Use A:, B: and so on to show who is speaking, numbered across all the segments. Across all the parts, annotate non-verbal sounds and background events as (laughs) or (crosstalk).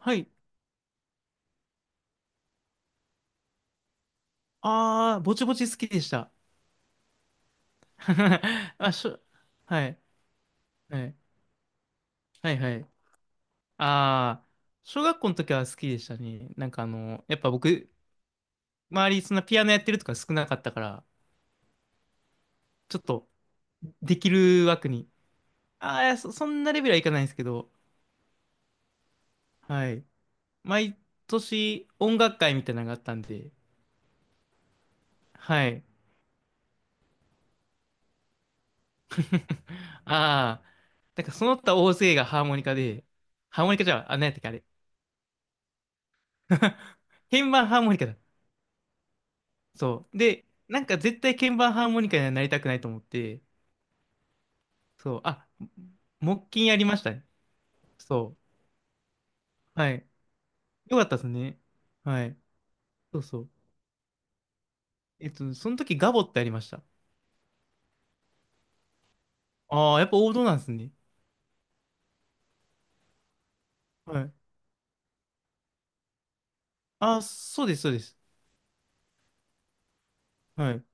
A: はい。ああ、ぼちぼち好きでした。(laughs) あ、はい。はい。はいはい。ああ、小学校の時は好きでしたね。なんかやっぱ僕、周りそんなピアノやってるとか少なかったから、ちょっとできる枠に。ああ、いやそんなレベルはいかないんですけど、はい。毎年音楽会みたいなのがあったんで、はい。(laughs) ああ、なんかその他大勢がハーモニカで、ハーモニカじゃあ、あ、何やったっけあれ。(laughs) 鍵盤ハーモニカだ。そう。で、なんか絶対鍵盤ハーモニカにはなりたくないと思って、そう。あ、木琴やりましたね。そう。はい。よかったですね。はい。そうそう。その時ガボってありました。ああ、やっぱ王道なんですね。はい。ああ、そうです、そうです。はい。う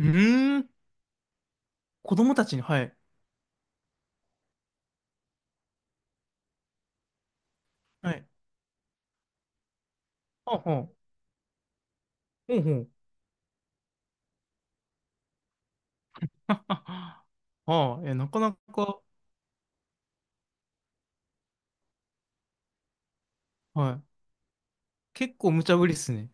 A: ーん。子供たちに、はい。はい。はあ、はあ。ほうほう。はははあ、いや、なかなか、はい。結構無茶ぶりっすね。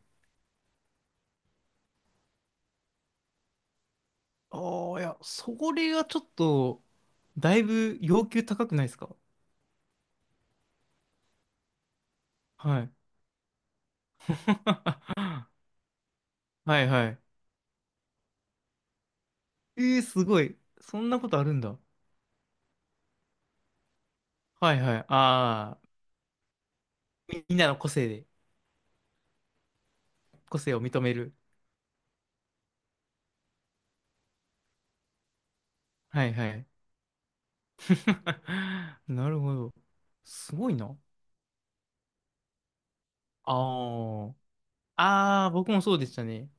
A: ああ、いや、それがちょっと、だいぶ要求高くないですか？はい。(laughs) はいはい。えー、すごい。そんなことあるんだ。はいはい。ああ、みんなの個性で、個性を認める。はいはい。(laughs) なるほど。すごいな。あー僕もそうでしたね。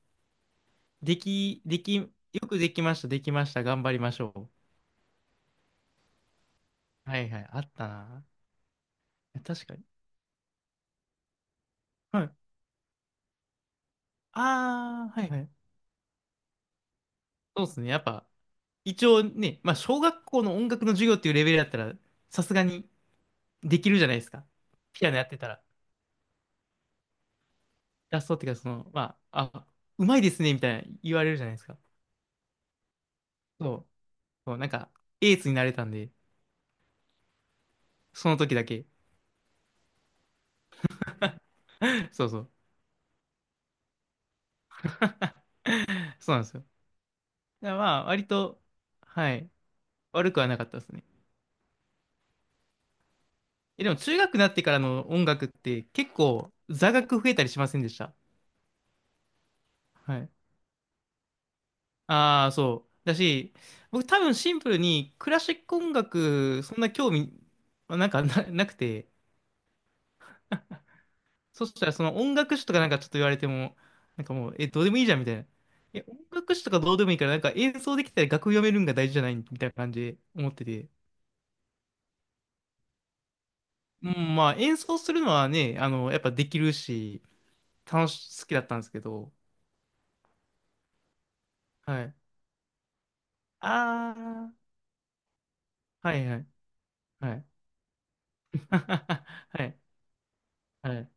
A: でき、でき、よくできました、できました、頑張りましょう。はいはい、あったな。確かに。はい。ああ、はいはい。そうですね。やっぱ、一応ね、まあ、小学校の音楽の授業っていうレベルだったら、さすがに、できるじゃないですか。ピアノやってたら。ラストっていうか、その、まあ、あ、うまいですね、みたいな言われるじゃないですか。そう。そう、なんか、エースになれたんで、その時だけ。(laughs) そうそう。そうなんですよ。だからまあ、割と、はい、悪くはなかったですね。え、でも中学になってからの音楽って結構座学増えたりしませんでした？はい。ああ、そう。だし、僕多分シンプルにクラシック音楽、そんな興味、まあなんかな、なくて、そしたらその音楽史とかなんかちょっと言われても、なんかもう、え、どうでもいいじゃんみたいな。え、音楽史とかどうでもいいから、なんか演奏できたら楽譜読めるんが大事じゃないみたいな感じで思ってて。うん、まあ演奏するのはね、あの、やっぱできるし、好きだったんですけど、はい。あー、はいはい、はい。(laughs) はい、はい。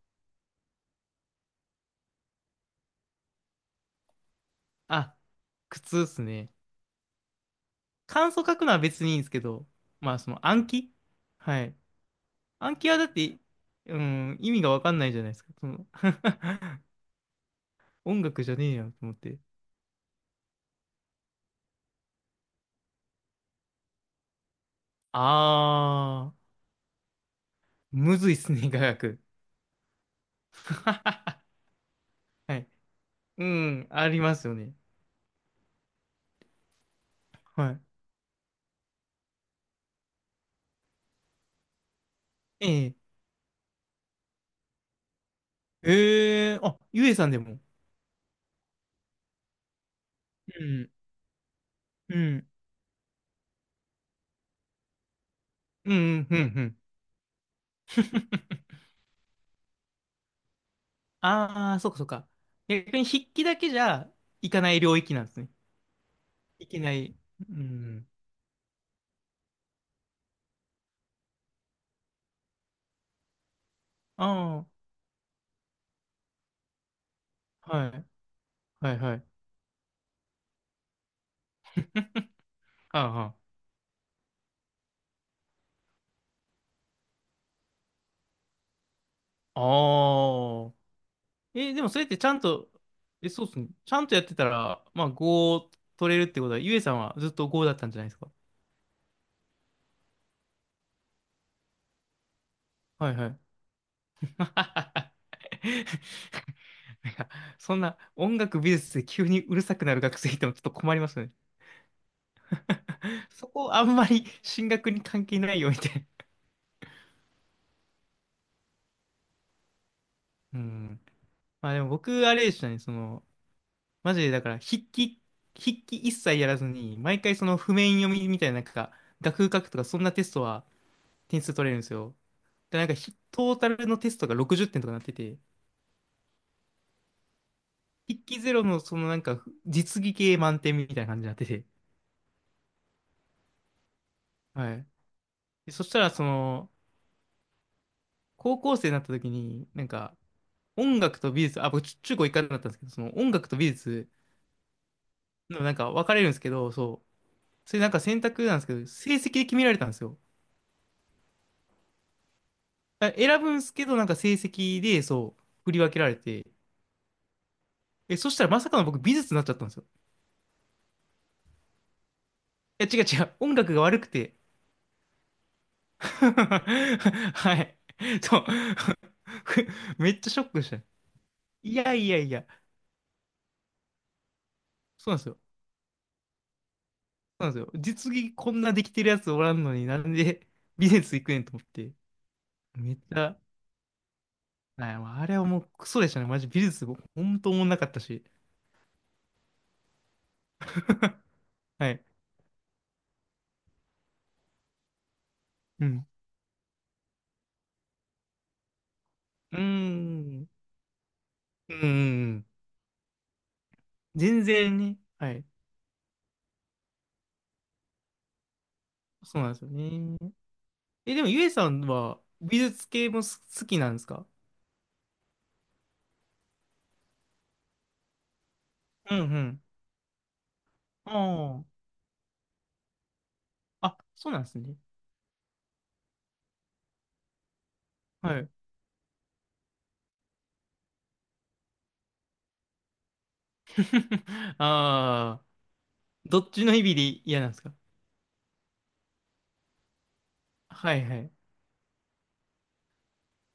A: あ、苦痛っすね。感想書くのは別にいいんですけど、まあその暗記はい。暗記はだって、うん、意味がわかんないじゃないですか。その (laughs) 音楽じゃねえやと思って。あー、むずいっすね、雅楽。(laughs) はい。うん、ありますよね。はい。えええゆえさんでも。うん、うん、うん、うん、うん。あー、そうか、そうか。逆に筆記だけじゃいかない領域なんですね。いけない。うん。あー、はい、はい、はい。あいあー。あーえ、でもそれってちゃんと、え、そうっすね。ちゃんとやってたら、まあ5を取れるってことは、ゆえさんはずっと5だったんじゃないですか？はいはい。(laughs) なんかそんな音楽美術で急にうるさくなる学生いてもちょっと困りますよね。そこあんまり進学に関係ないよみたいな。(laughs) うん。まあでも僕、あれでしたね、その、マジでだから筆記一切やらずに、毎回その譜面読みみたいな、なんか、楽譜書くとかそんなテストは点数取れるんですよ。で、なんかトータルのテストが60点とかなってて、筆記ゼロのそのなんか実技系満点みたいな感じになってて、はい。でそしたらその、高校生になった時に、なんか音楽と美術、あ、僕中高一貫だったんですけど、その音楽と美術のなんか分かれるんですけど、そう。それなんか選択なんですけど、成績で決められたんですよ。あ選ぶんですけど、なんか成績で、そう、振り分けられて、え、そしたらまさかの僕美術になっちゃったんですよ。いや、違う違う、音楽が悪くて。(laughs) はい。そう。(laughs) めっちゃショックした。いやいやいや、そうなんですよ。そうなんですよ。実技こんなできてるやつおらんのになんで (laughs) 美術行くねんと思って。めっちゃ、はいもうあれはもうクソでしたね。マジ美術、ほんと思んなかったし。はい。うん。うーん。うーん。全然ね。はい。そうなんですよね。え、でもゆえさんは美術系も好きなんですか？うんうん。ああ。あ、そうなんですね。はい。(laughs) ああ。どっちの意味で嫌なんですか？はいはい。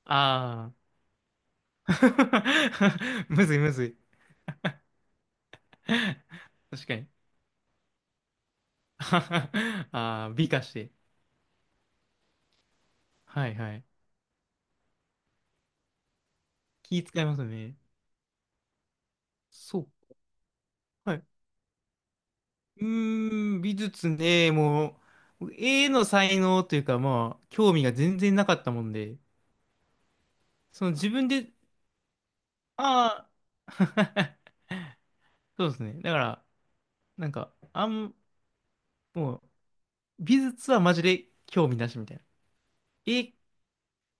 A: ああ。(laughs) むずいむずい。確かに。(laughs) ああ、美化して。はいはい。気使いますね。そう。はい。うーん、美術ね、もう、絵の才能というか、まあ、興味が全然なかったもんで、その自分で、ああ、(laughs) そうですね。だから、なんか、もう、美術はマジで興味なしみたいな。絵、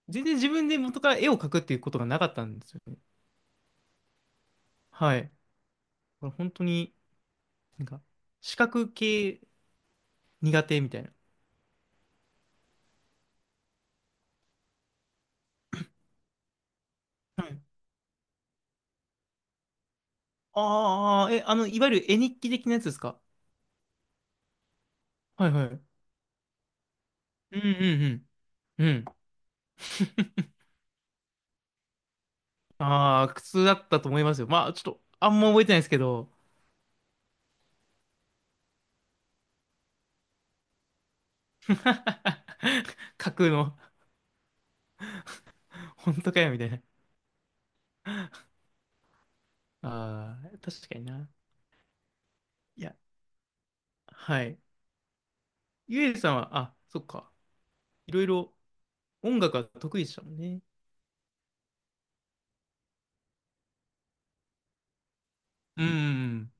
A: 全然自分で元から絵を描くっていうことがなかったんですよね。はい。これ本当に、なんか、視覚系苦手みたいな。はい。ああ、え、あの、いわゆる絵日記的なやつですか？はいはい。うんうんうん。うん。ああ、苦痛だったと思いますよ。まあ、ちょっと、あんま覚えてないですけど、(laughs) 書くの、本当かよ、みたいな。ああ、確かにな。いや、はい。ゆえさんは、あ、そっか。いろいろ音楽は得意でしたもんね。うんうんうん。